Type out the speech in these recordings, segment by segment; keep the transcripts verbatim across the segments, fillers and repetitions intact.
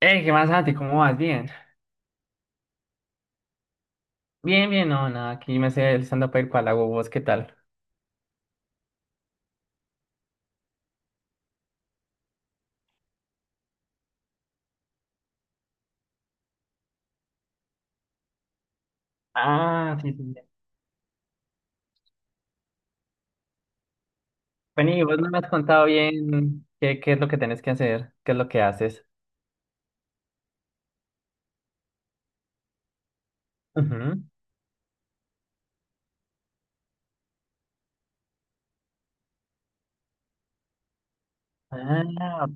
Hey, ¿qué más, Santi? ¿Cómo vas? Bien. Bien, bien, no, nada, aquí me sé el stand-up el cual hago vos, ¿qué tal? Ah, sí, sí, sí. Bueno, y vos no me has contado bien qué, qué es lo que tenés que hacer, qué es lo que haces. Ujú. Ah,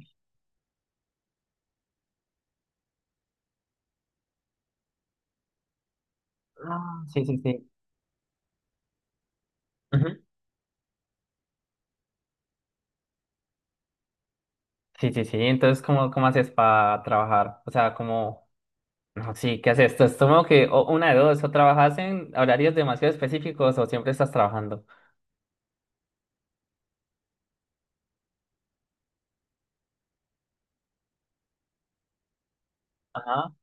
ah, sí, sí, sí. Ujú. Sí, sí, sí. Entonces, ¿cómo, ¿cómo haces para trabajar? O sea, ¿cómo? No, sí, ¿qué haces? Entonces, supongo que o una de dos, o trabajas en horarios demasiado específicos o siempre estás trabajando. Ajá.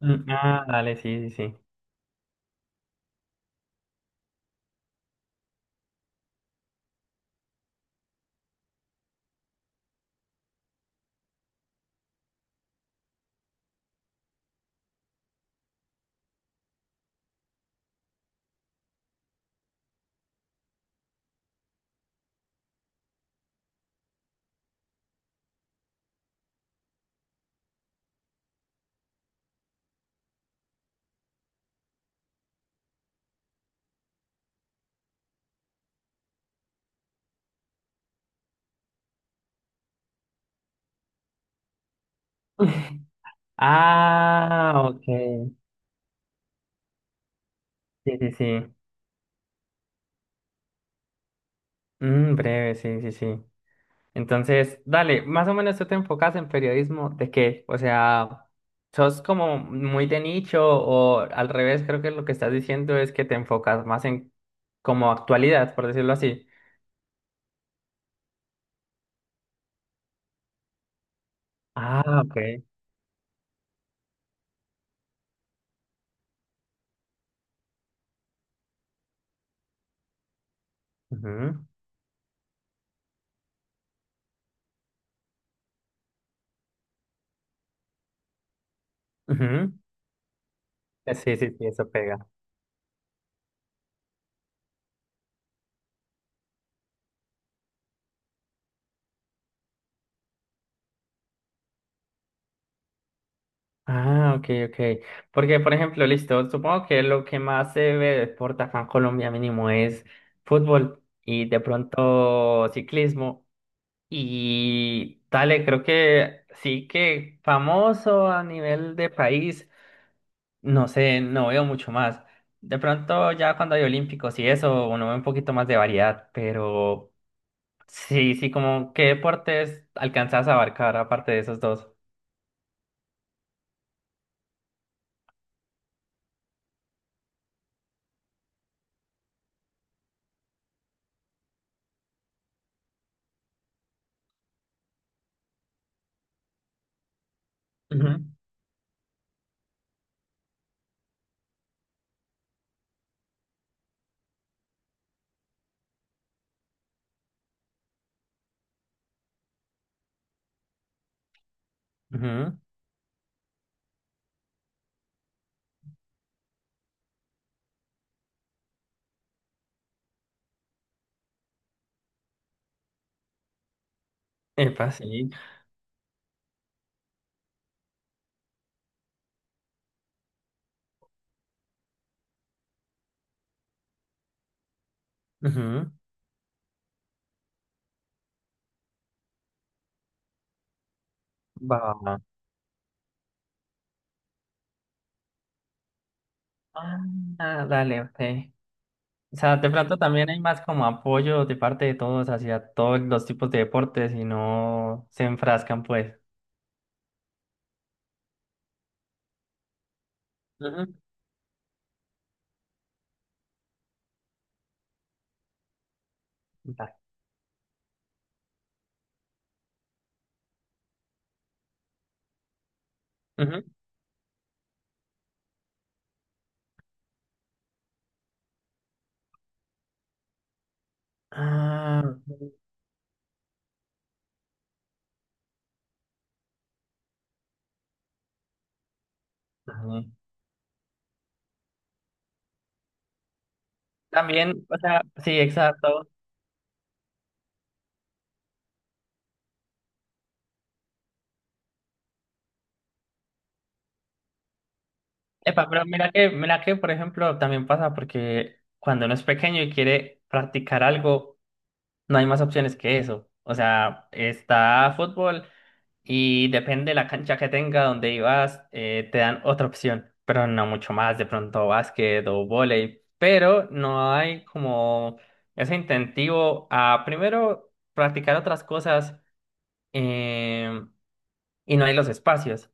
Mm, ah, dale, sí, sí, sí. Ah, ok. Sí, sí, sí. Mm, breve, sí, sí, sí. Entonces, dale, más o menos, ¿tú te enfocas en periodismo de qué? O sea, ¿sos como muy de nicho o al revés? Creo que lo que estás diciendo es que te enfocas más en como actualidad, por decirlo así. Ah, ok. Ujú, ujú. Eh, Sí, sí, sí, eso pega. Ah, ok, ok. Porque, por ejemplo, listo, supongo que lo que más se ve de deporte acá en Colombia mínimo es fútbol y de pronto ciclismo. Y dale, creo que sí, que famoso a nivel de país, no sé, no veo mucho más. De pronto ya cuando hay olímpicos y eso, uno ve un poquito más de variedad, pero sí, sí, como qué deportes alcanzas a abarcar aparte de esos dos. Ujú, ujú. Epa, sí. Ujú. Va, va. Ah, dale, ok. O sea, de pronto también hay más como apoyo de parte de todos hacia todos los tipos de deportes y no se enfrascan, pues. Ujú. Vale. Ujú. Ah, vale. También, o sea, sí, exacto. Epa, pero mira que, mira que, por ejemplo, también pasa porque cuando uno es pequeño y quiere practicar algo, no hay más opciones que eso. O sea, está fútbol y depende de la cancha que tenga donde ibas, eh, te dan otra opción, pero no mucho más, de pronto básquet o vóley, pero no hay como ese incentivo a primero practicar otras cosas, eh, y no hay los espacios.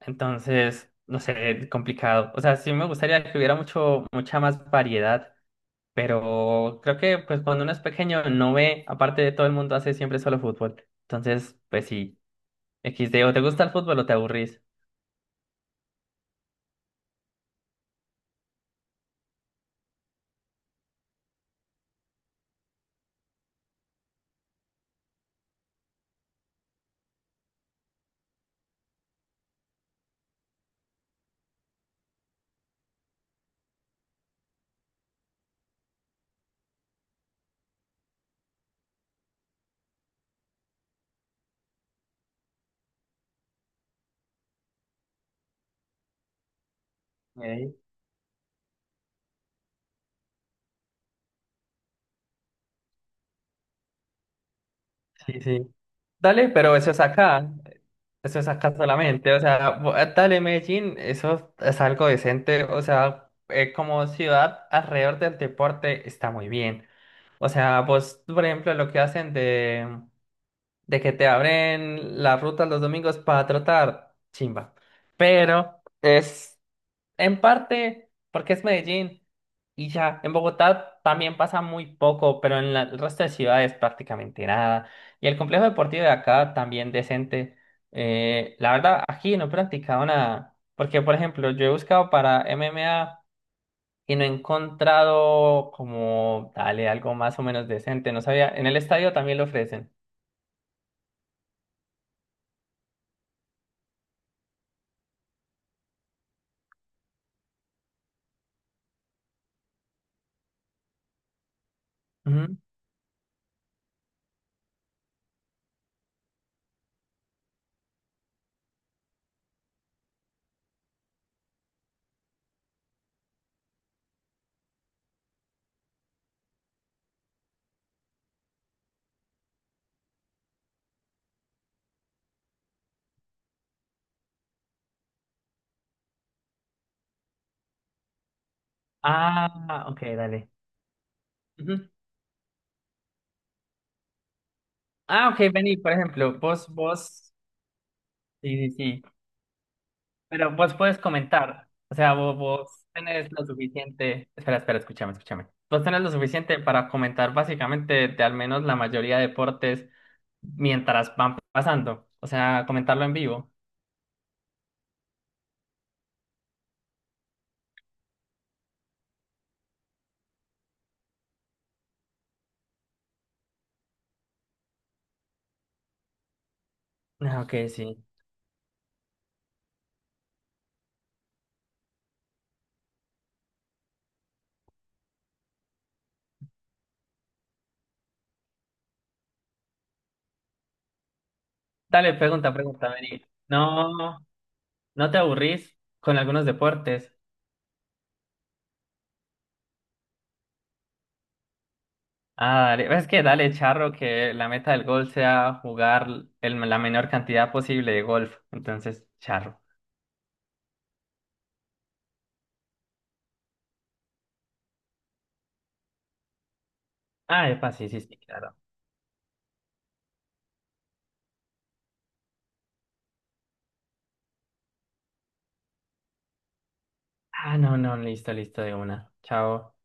Entonces, no sé, complicado. O sea, sí me gustaría que hubiera mucho, mucha más variedad, pero creo que pues cuando uno es pequeño no ve, aparte de todo el mundo hace siempre solo fútbol. Entonces, pues sí, equis de, o te gusta el fútbol o te aburrís. Ey, sí, sí. Dale, pero eso es acá, eso es acá solamente, o sea, bo- dale, Medellín, eso es algo decente, o sea, eh, como ciudad alrededor del deporte está muy bien. O sea, vos, por ejemplo, lo que hacen de, de que te abren las rutas los domingos para trotar, chimba. Pero es en parte porque es Medellín y ya, en Bogotá también pasa muy poco, pero en la- el resto de ciudades prácticamente nada. Y el complejo deportivo de acá también decente. Eh, la verdad, aquí no he practicado nada, porque por ejemplo, yo he buscado para M M A y no he encontrado como, dale, algo más o menos decente. No sabía, en el estadio también lo ofrecen. Ujú. Ah, ok, dale. Ujú. Ah, ok, vení, por ejemplo, vos, vos, sí, sí, sí, pero vos puedes comentar, o sea, vos, vos tenés lo suficiente, espera, espera, escúchame, escúchame. Vos tenés lo suficiente para comentar básicamente de al menos la mayoría de deportes mientras van pasando, o sea, comentarlo en vivo. Ah, ok, sí. Dale, pregunta, pregunta, vení. No. ¿No te aburrís con algunos deportes? Ah, dale. Es que dale, charro, que la meta del golf sea jugar el- la menor cantidad posible de golf. Entonces, charro. Ah, epa, sí, sí, sí, claro. Ah, no, no, listo, listo de una. Chao.